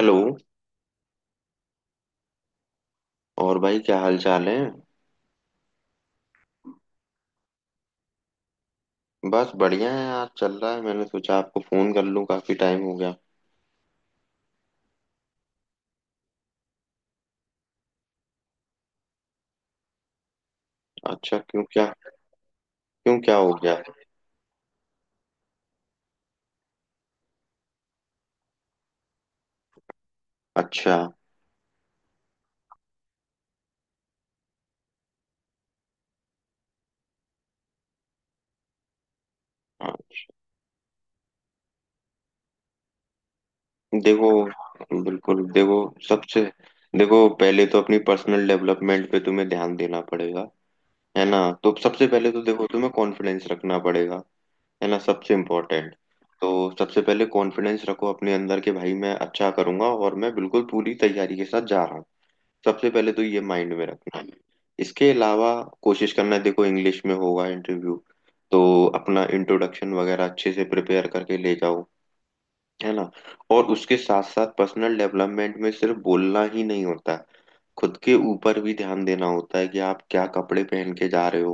Hello. और भाई क्या हाल चाल है। बस बढ़िया है आज चल रहा है, मैंने सोचा आपको फोन कर लूं, काफी टाइम हो गया। अच्छा क्यों क्या। क्यों क्या हो गया। अच्छा। हाँ। देखो, बिल्कुल देखो, सबसे देखो पहले तो अपनी पर्सनल डेवलपमेंट पे तुम्हें ध्यान देना पड़ेगा। है ना, तो सबसे पहले तो देखो तुम्हें कॉन्फिडेंस रखना पड़ेगा। है ना, सबसे इम्पोर्टेंट। तो सबसे पहले कॉन्फिडेंस रखो अपने अंदर के, भाई मैं अच्छा करूंगा और मैं बिल्कुल पूरी तैयारी के साथ जा रहा हूँ। सबसे पहले तो ये माइंड में रखना। इसके अलावा कोशिश करना है, देखो इंग्लिश में होगा इंटरव्यू, तो अपना इंट्रोडक्शन वगैरह अच्छे से प्रिपेयर करके ले जाओ। है ना, और उसके साथ साथ पर्सनल डेवलपमेंट में सिर्फ बोलना ही नहीं होता है, खुद के ऊपर भी ध्यान देना होता है कि आप क्या कपड़े पहन के जा रहे हो,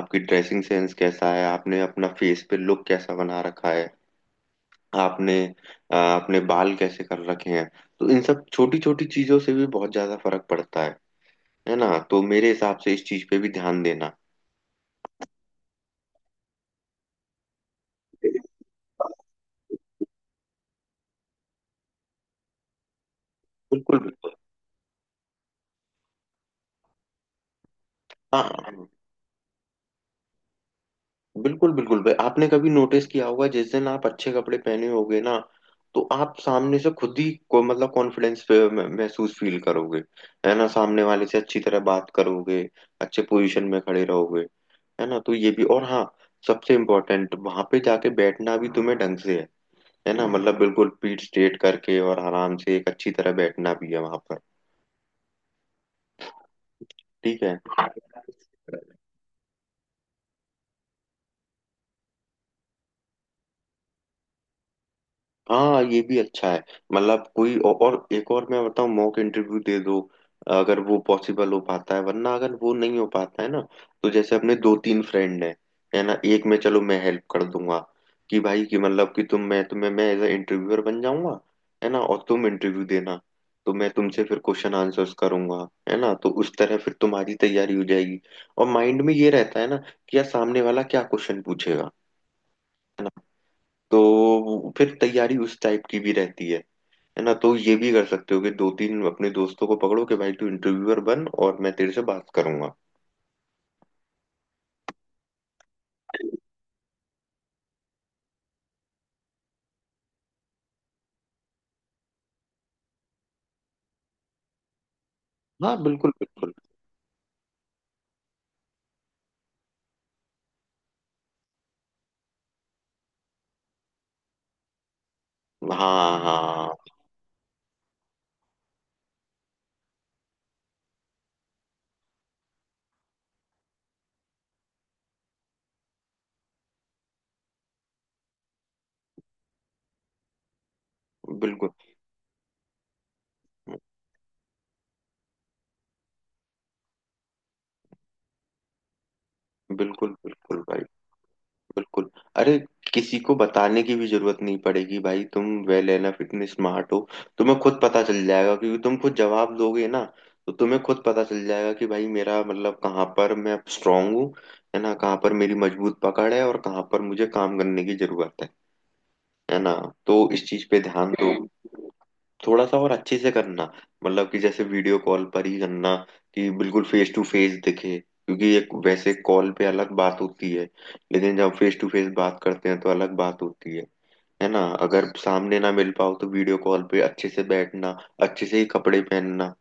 आपकी ड्रेसिंग सेंस कैसा है, आपने अपना फेस पे लुक कैसा बना रखा है, आपने अपने बाल कैसे कर रखे हैं। तो इन सब छोटी छोटी चीजों से भी बहुत ज्यादा फर्क पड़ता है। है ना, तो मेरे हिसाब से इस चीज पे भी ध्यान देना। बिल्कुल बिल्कुल। हाँ हाँ, बिल्कुल बिल्कुल भाई, आपने कभी नोटिस किया होगा जिस दिन आप अच्छे कपड़े पहने होगे ना, तो आप सामने से खुद ही को मतलब कॉन्फिडेंस महसूस फील करोगे। है ना, सामने वाले से अच्छी तरह बात करोगे, अच्छे पोजीशन में खड़े रहोगे। है ना, तो ये भी, और हाँ सबसे इम्पोर्टेंट वहां पे जाके बैठना भी तुम्हें ढंग से है। है ना, मतलब बिल्कुल पीठ स्ट्रेट करके और आराम से एक अच्छी तरह बैठना भी है वहां पर। ठीक है। हाँ ये भी अच्छा है, मतलब कोई और एक और मैं बताऊँ, मॉक इंटरव्यू दे दो। अगर वो पॉसिबल हो पाता है, वरना अगर वो नहीं हो पाता है ना, तो जैसे अपने दो तीन फ्रेंड हैं। है ना, एक में चलो मैं हेल्प कर दूंगा कि भाई कि मतलब कि तुम्हें मैं एज अ इंटरव्यूअर बन जाऊंगा। है ना, और तुम इंटरव्यू देना, तो मैं तुमसे फिर क्वेश्चन आंसर्स करूंगा। है ना, तो उस तरह फिर तुम्हारी तैयारी हो जाएगी। और माइंड में ये रहता है ना कि यार सामने वाला क्या क्वेश्चन पूछेगा, तो फिर तैयारी उस टाइप की भी रहती है। है ना, तो ये भी कर सकते हो कि दो तीन अपने दोस्तों को पकड़ो कि भाई तू इंटरव्यूअर बन और मैं तेरे से बात करूंगा। हाँ बिल्कुल बिल्कुल। हाँ हाँ। बिल्कुल बिल्कुल बिल्कुल भाई। बिल्कुल। अरे, किसी को बताने की भी जरूरत नहीं पड़ेगी भाई, तुम वेल एनफ इतने स्मार्ट हो, तुम्हें खुद पता चल जाएगा क्योंकि तुम खुद जवाब दोगे ना, तो तुम्हें खुद पता चल जाएगा कि भाई मेरा मतलब कहाँ पर मैं स्ट्रांग हूँ। है ना, कहाँ पर मेरी मजबूत पकड़ है और कहाँ पर मुझे काम करने की जरूरत है। है ना, तो इस चीज पे ध्यान दो। थोड़ा सा और अच्छे से करना, मतलब कि जैसे वीडियो कॉल पर ही करना कि बिल्कुल फेस टू फेस दिखे, क्योंकि एक वैसे कॉल पे अलग बात होती है, लेकिन जब फेस टू फेस बात करते हैं तो अलग बात होती है। है ना, अगर सामने ना मिल पाओ तो वीडियो कॉल पे अच्छे से बैठना, अच्छे से ही कपड़े पहनना।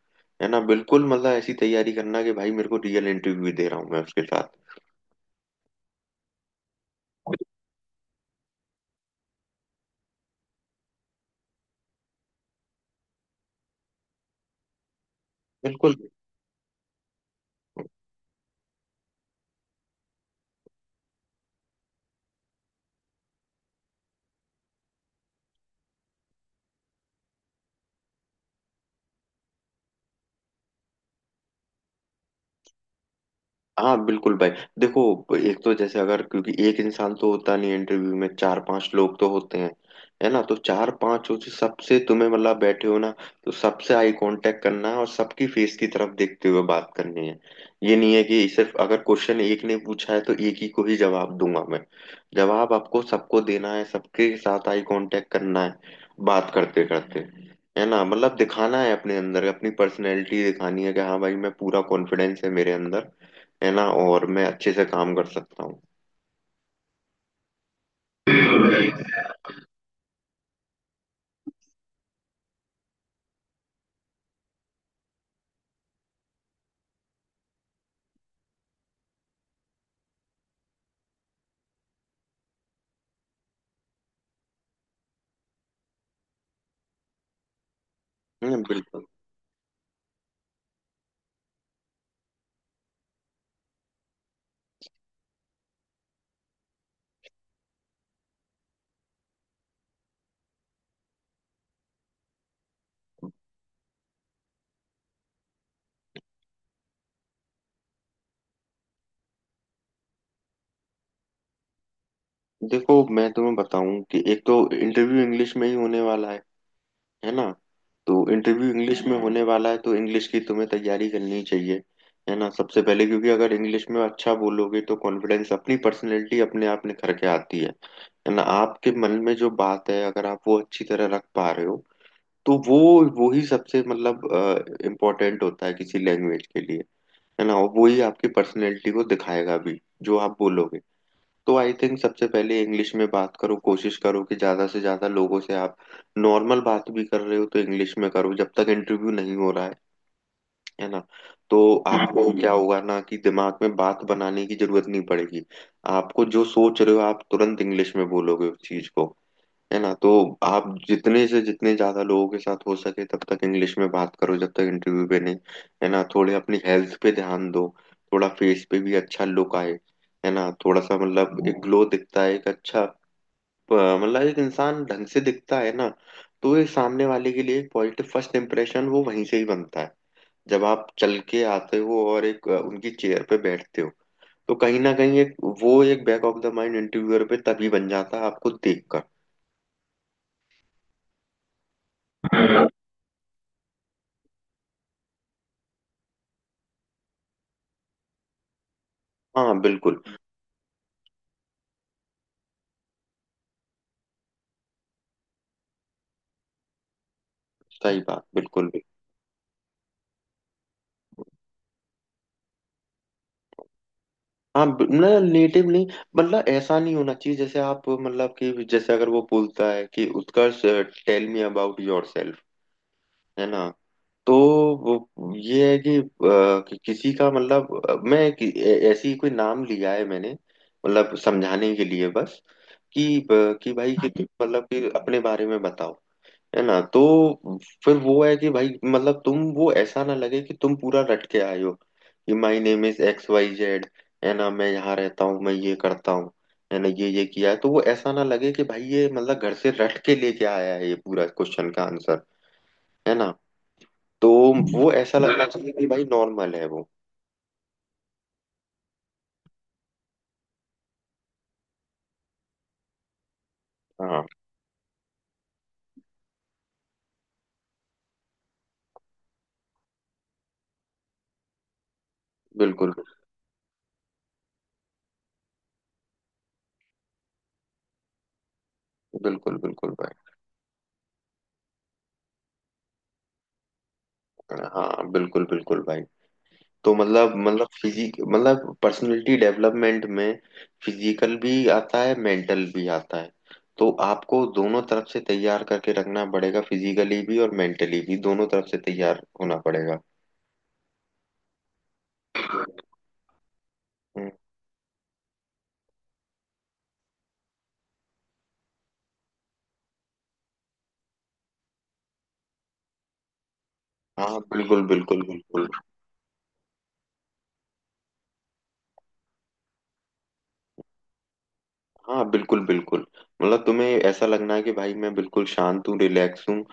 है ना बिल्कुल, मतलब ऐसी तैयारी करना कि भाई मेरे को रियल इंटरव्यू दे रहा हूँ मैं उसके साथ। बिल्कुल। हाँ बिल्कुल भाई, देखो एक तो जैसे अगर, क्योंकि एक इंसान तो होता नहीं इंटरव्यू में, चार पांच लोग तो होते हैं। है ना, तो चार पांच हो से सबसे तुम्हें मतलब बैठे हो ना, तो सबसे आई कांटेक्ट करना है और सबकी फेस की तरफ देखते हुए बात करनी है। ये नहीं है कि सिर्फ अगर क्वेश्चन एक ने पूछा है तो एक ही को ही जवाब दूंगा मैं, जवाब आपको सबको देना है, सबके साथ आई कांटेक्ट करना है बात करते करते। है ना, मतलब दिखाना है अपने अंदर, अपनी पर्सनैलिटी दिखानी है कि हाँ भाई मैं पूरा कॉन्फिडेंस है मेरे अंदर। है ना, और मैं अच्छे से काम कर सकता हूँ। है ना बिल्कुल। देखो मैं तुम्हें बताऊं कि एक तो इंटरव्यू इंग्लिश में ही होने वाला है। है ना, तो इंटरव्यू इंग्लिश में होने वाला है, तो इंग्लिश की तुम्हें तैयारी करनी चाहिए। है ना, सबसे पहले, क्योंकि अगर इंग्लिश में अच्छा बोलोगे तो कॉन्फिडेंस अपनी पर्सनैलिटी अपने आप निखर के आती है। है ना, आपके मन में जो बात है अगर आप वो अच्छी तरह रख पा रहे हो तो वो ही सबसे मतलब इम्पोर्टेंट होता है किसी लैंग्वेज के लिए। है ना, वो ही आपकी पर्सनैलिटी को दिखाएगा भी जो आप बोलोगे। तो आई थिंक सबसे पहले इंग्लिश में बात करो, कोशिश करो कि ज्यादा से ज्यादा लोगों से आप नॉर्मल बात भी कर रहे हो तो इंग्लिश में करो जब तक इंटरव्यू नहीं हो रहा है। है ना, तो आपको क्या होगा ना कि दिमाग में बात बनाने की जरूरत नहीं पड़ेगी, आपको जो सोच रहे हो आप तुरंत इंग्लिश में बोलोगे उस चीज को। है ना, तो आप जितने से जितने ज्यादा लोगों के साथ हो सके तब तक इंग्लिश में बात करो जब तक इंटरव्यू पे नहीं। है ना, थोड़े अपनी हेल्थ पे ध्यान दो, थोड़ा फेस पे भी अच्छा लुक आए। है ना, थोड़ा सा मतलब एक ग्लो दिखता है एक अच्छा प- मतलब एक इंसान ढंग से दिखता है ना, तो ये सामने वाले के लिए एक पॉजिटिव फर्स्ट इम्प्रेशन वो वहीं से ही बनता है जब आप चल के आते हो और एक उनकी चेयर पे बैठते हो, तो कहीं ना कहीं एक वो एक back of the mind interviewer पे तभी बन जाता है आपको देखकर। हाँ बिल्कुल। सही बात बिल्कुल भी। मतलब नेटिव नहीं, मतलब ऐसा नहीं होना चाहिए जैसे आप मतलब कि जैसे अगर वो बोलता है कि Utkarsh tell me about yourself. है ना, तो वो ये है कि कि किसी का मतलब मैं ऐसी कोई नाम लिया है मैंने, मतलब समझाने के लिए बस, कि कि भाई कि तुम मतलब कि अपने बारे में बताओ। है ना, तो फिर वो है कि भाई मतलब तुम वो ऐसा ना लगे कि तुम पूरा रट के आए हो कि my name is X Y Z. है ना, मैं यहाँ रहता हूँ, मैं ये करता हूँ। है ना, ये किया है, तो वो ऐसा ना लगे कि भाई ये मतलब घर से रट के लेके आया है ये पूरा क्वेश्चन का आंसर। है ना, तो वो ऐसा लगना चाहिए कि भाई नॉर्मल है वो। हाँ बिल्कुल बिल्कुल बिल्कुल भाई। हाँ बिल्कुल बिल्कुल भाई, तो मतलब मतलब फिजिक मतलब पर्सनालिटी डेवलपमेंट में फिजिकल भी आता है, मेंटल भी आता है। तो आपको दोनों तरफ से तैयार करके रखना पड़ेगा, फिजिकली भी और मेंटली भी, दोनों तरफ से तैयार होना पड़ेगा। हम्म। हाँ बिल्कुल बिल्कुल बिल्कुल। हाँ बिल्कुल बिल्कुल, मतलब तुम्हें ऐसा लगना है कि भाई मैं बिल्कुल शांत हूँ, रिलैक्स हूँ,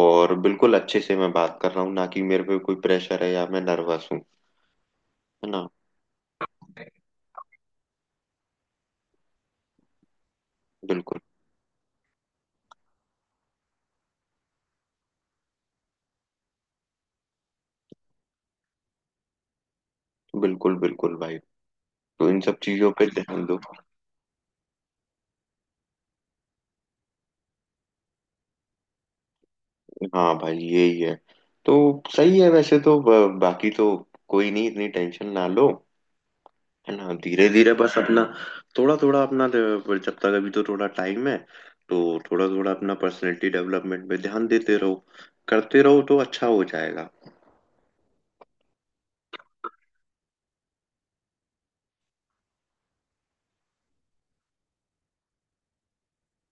और बिल्कुल अच्छे से मैं बात कर रहा हूँ, ना कि मेरे पे कोई प्रेशर है या मैं नर्वस हूँ। है ना। बिल्कुल बिल्कुल बिल्कुल भाई, तो इन सब चीजों पे ध्यान दो। हाँ भाई यही है, तो सही है वैसे तो बाकी तो कोई नहीं, इतनी टेंशन ना लो। है ना, धीरे धीरे बस अपना थोड़ा थोड़ा अपना जब तक अभी तो थोड़ा टाइम है, तो थोड़ा थोड़ा अपना पर्सनैलिटी डेवलपमेंट पे ध्यान देते रहो, करते रहो तो अच्छा हो जाएगा।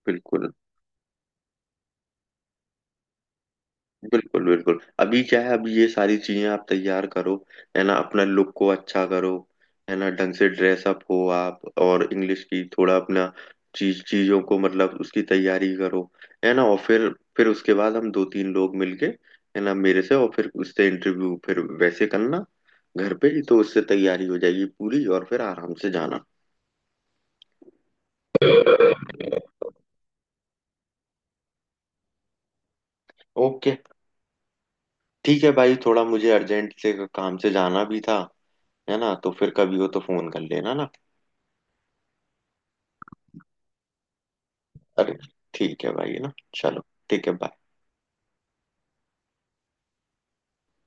बिल्कुल बिल्कुल, बिल्कुल अभी क्या है, अभी ये सारी चीजें आप तैयार करो। है ना, अपना लुक को अच्छा करो। है ना, ढंग से ड्रेस अप हो आप, और इंग्लिश की थोड़ा अपना चीजों को मतलब उसकी तैयारी करो। है ना, और फिर उसके बाद हम दो तीन लोग मिलके, है ना, मेरे से और फिर उससे इंटरव्यू फिर वैसे करना, घर पे ही तो उससे तैयारी हो जाएगी पूरी, और फिर आराम से जाना। ओके। ठीक है भाई, थोड़ा मुझे अर्जेंट से काम से जाना भी था। है ना, तो फिर कभी हो तो फोन कर लेना ना। अरे ठीक है भाई, है ना, चलो, ठीक है bye.